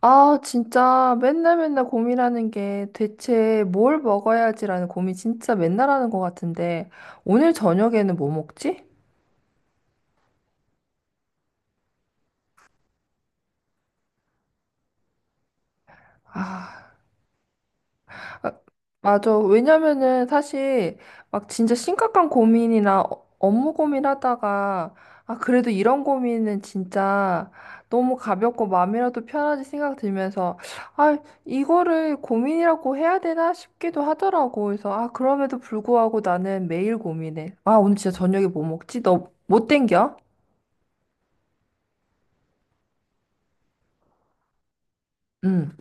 아, 진짜 맨날 맨날 고민하는 게 대체 뭘 먹어야지라는 고민 진짜 맨날 하는 것 같은데 오늘 저녁에는 뭐 먹지? 아. 아, 맞아. 왜냐면은 사실 막 진짜 심각한 고민이나 업무 고민하다가 아, 그래도 이런 고민은 진짜 너무 가볍고 마음이라도 편하지 생각 들면서 아, 이거를 고민이라고 해야 되나 싶기도 하더라고. 그래서 아, 그럼에도 불구하고 나는 매일 고민해. 아, 오늘 진짜 저녁에 뭐 먹지? 너 못 땡겨? 응.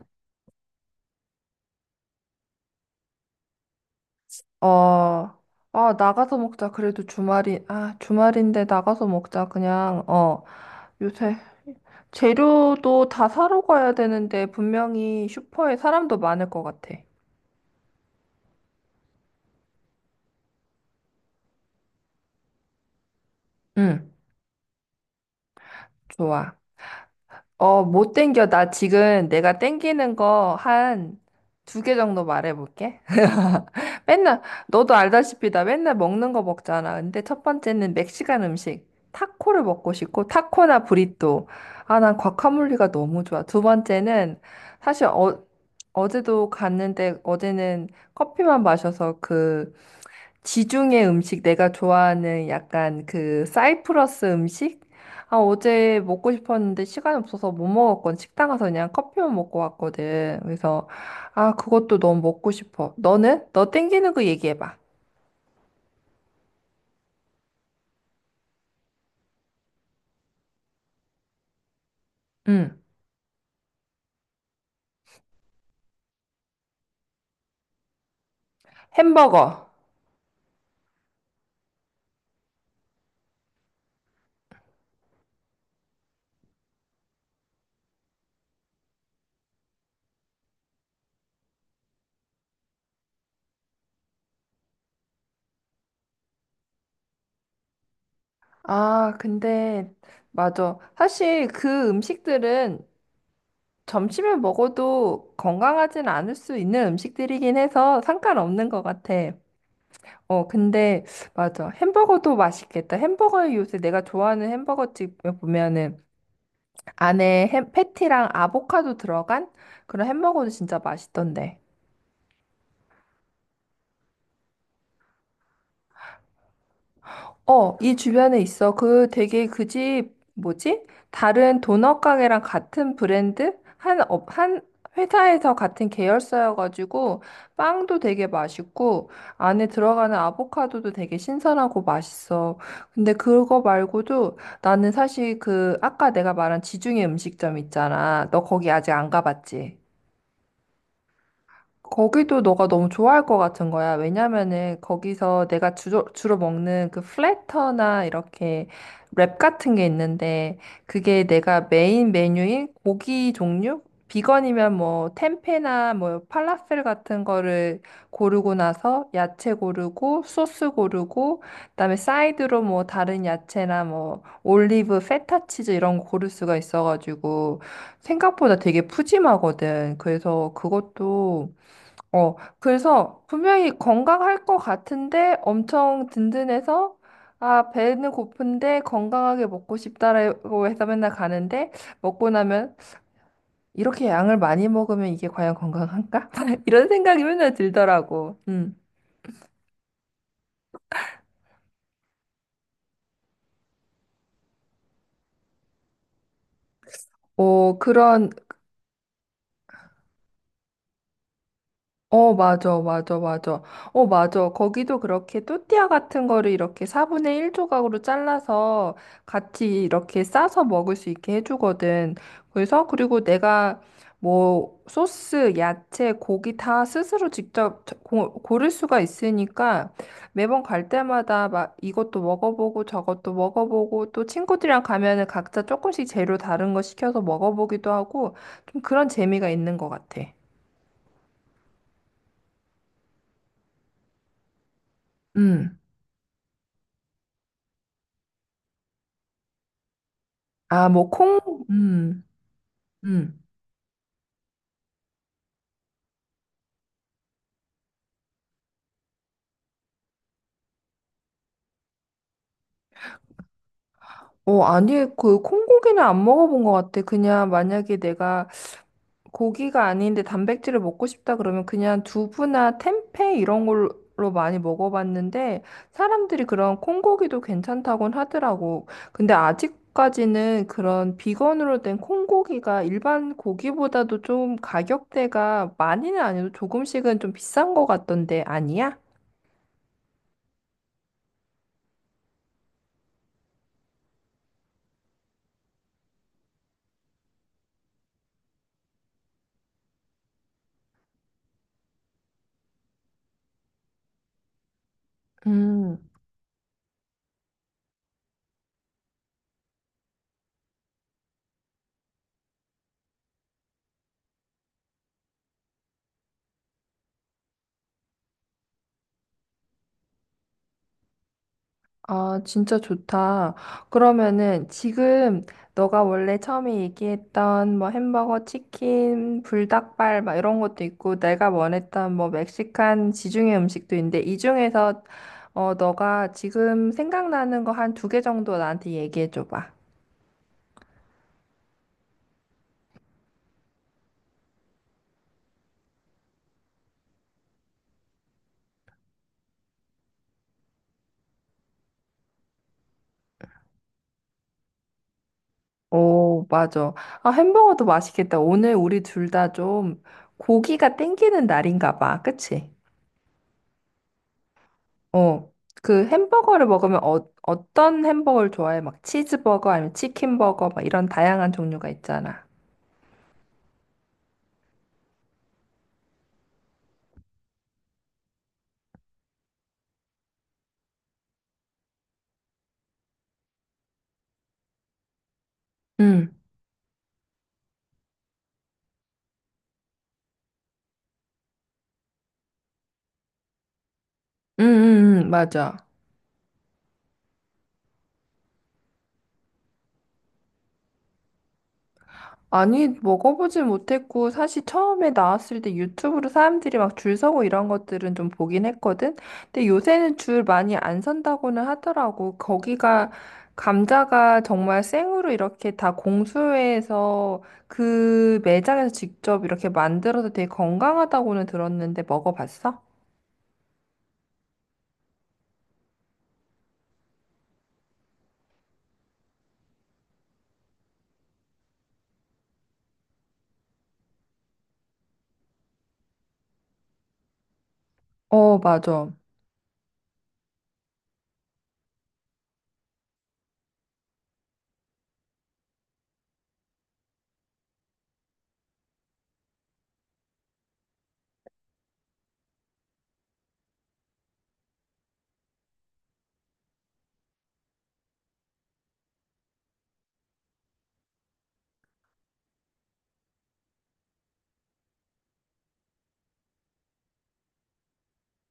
어. 아, 나가서 먹자. 그래도 아, 주말인데 나가서 먹자. 그냥, 어. 요새 재료도 다 사러 가야 되는데 분명히 슈퍼에 사람도 많을 것 같아. 응, 좋아. 어, 못 땡겨? 나 지금 내가 땡기는 거 한 두 개 정도 말해볼게. 맨날, 너도 알다시피 나 맨날 먹는 거 먹잖아. 근데 첫 번째는 멕시칸 음식. 타코를 먹고 싶고, 타코나 브리또. 아, 난 과카몰리가 너무 좋아. 두 번째는 사실 어, 어제도 갔는데 어제는 커피만 마셔서 그 지중해 음식 내가 좋아하는 약간 그 사이프러스 음식? 아, 어제 먹고 싶었는데 시간이 없어서 못 먹었건 식당 가서 그냥 커피만 먹고 왔거든. 그래서 아, 그것도 너무 먹고 싶어. 너는? 너 땡기는 거 얘기해 봐. 응. 햄버거. 아, 근데 맞아. 사실 그 음식들은 점심에 먹어도 건강하진 않을 수 있는 음식들이긴 해서 상관없는 것 같아. 어, 근데, 맞아. 햄버거도 맛있겠다. 햄버거에 요새 내가 좋아하는 햄버거집 보면은 안에 패티랑 아보카도 들어간 그런 햄버거도 진짜 맛있던데. 어, 이 주변에 있어. 그 되게 그 집, 뭐지? 다른 도넛 가게랑 같은 브랜드? 한 회사에서 같은 계열사여가지고, 빵도 되게 맛있고, 안에 들어가는 아보카도도 되게 신선하고 맛있어. 근데 그거 말고도 나는 사실 그, 아까 내가 말한 지중해 음식점 있잖아. 너 거기 아직 안 가봤지? 거기도 너가 너무 좋아할 것 같은 거야. 왜냐면은 거기서 내가 주로 먹는 그 플래터나 이렇게 랩 같은 게 있는데 그게 내가 메인 메뉴인 고기 종류? 비건이면 뭐 템페나 뭐 팔라펠 같은 거를 고르고 나서 야채 고르고 소스 고르고 그다음에 사이드로 뭐 다른 야채나 뭐 올리브, 페타 치즈 이런 거 고를 수가 있어가지고 생각보다 되게 푸짐하거든. 그래서 그것도 어, 그래서 분명히 건강할 것 같은데 엄청 든든해서 아, 배는 고픈데 건강하게 먹고 싶다라고 해서 맨날 가는데 먹고 나면 이렇게 양을 많이 먹으면 이게 과연 건강한가? 이런 생각이 맨날 들더라고. 음. 어, 그런 어, 맞아, 맞아, 맞아. 어, 맞아. 거기도 그렇게 또띠아 같은 거를 이렇게 4분의 1 조각으로 잘라서 같이 이렇게 싸서 먹을 수 있게 해주거든. 그래서, 그리고 내가 뭐 소스, 야채, 고기 다 스스로 직접 고를 수가 있으니까 매번 갈 때마다 막 이것도 먹어보고 저것도 먹어보고 또 친구들이랑 가면은 각자 조금씩 재료 다른 거 시켜서 먹어보기도 하고 좀 그런 재미가 있는 것 같아. 음. 아, 뭐, 콩, 음, 음. 어, 아니, 그, 콩고기는 안 먹어본 것 같아. 그냥 만약에 내가 고기가 아닌데 단백질을 먹고 싶다 그러면 그냥 두부나 템페 이런 걸로 많이 먹어봤는데 사람들이 그런 콩고기도 괜찮다곤 하더라고. 근데 아직까지는 그런 비건으로 된 콩고기가 일반 고기보다도 좀 가격대가 많이는 아니어도 조금씩은 좀 비싼 것 같던데, 아니야? 음. 아, 진짜 좋다. 그러면은 지금 너가 원래 처음에 얘기했던 뭐 햄버거, 치킨, 불닭발 막 이런 것도 있고 내가 원했던 뭐 멕시칸 지중해 음식도 있는데 이 중에서 어 너가 지금 생각나는 거 한 두 개 정도 나한테 얘기해 줘 봐. 오, 맞아. 아, 햄버거도 맛있겠다. 오늘 우리 둘 다 좀 고기가 땡기는 날인가 봐. 그치? 어, 그 햄버거를 먹으면 어, 어떤 햄버거를 좋아해? 막 치즈버거 아니면 치킨버거 막 이런 다양한 종류가 있잖아. 응, 응, 응, 응, 맞아. 아니, 먹어보진 못했고, 사실 처음에 나왔을 때 유튜브로 사람들이 막 줄 서고 이런 것들은 좀 보긴 했거든? 근데 요새는 줄 많이 안 선다고는 하더라고. 거기가, 감자가 정말 생으로 이렇게 다 공수해서 그 매장에서 직접 이렇게 만들어서 되게 건강하다고는 들었는데 먹어봤어? 어, 맞아.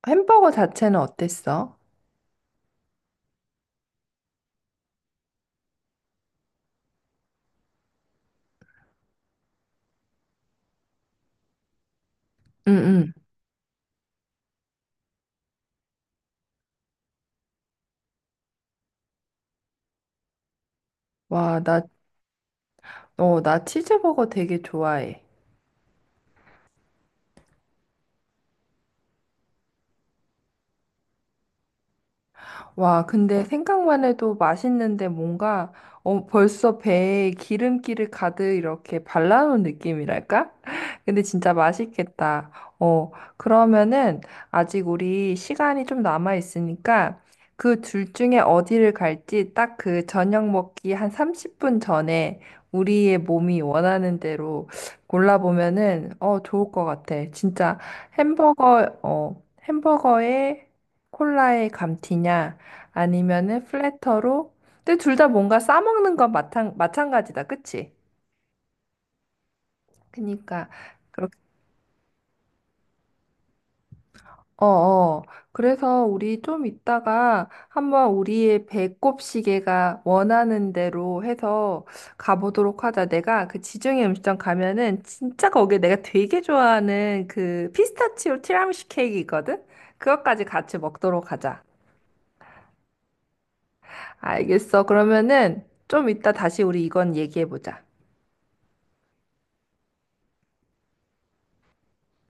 햄버거 자체는 어땠어? 응, 응. 와, 나, 어, 나 치즈버거 되게 좋아해. 와, 근데 생각만 해도 맛있는데 뭔가 어, 벌써 배에 기름기를 가득 이렇게 발라놓은 느낌이랄까? 근데 진짜 맛있겠다. 어, 그러면은 아직 우리 시간이 좀 남아 있으니까 그 둘 중에 어디를 갈지 딱 그 저녁 먹기 한 30분 전에 우리의 몸이 원하는 대로 골라보면은 어, 좋을 것 같아. 진짜 햄버거, 어, 햄버거에 콜라에 감튀냐? 아니면은 플래터로. 근데 둘 다 뭔가 싸먹는 건 마찬가지다. 그치? 그니까. 그렇 어 어. 그래서 우리 좀 이따가 한번 우리의 배꼽 시계가 원하는 대로 해서 가보도록 하자. 내가 그 지중해 음식점 가면은 진짜 거기에 내가 되게 좋아하는 그 피스타치오 티라미수 케이크 있거든? 그것까지 같이 먹도록 하자. 알겠어. 그러면은 좀 이따 다시 우리 이건 얘기해보자.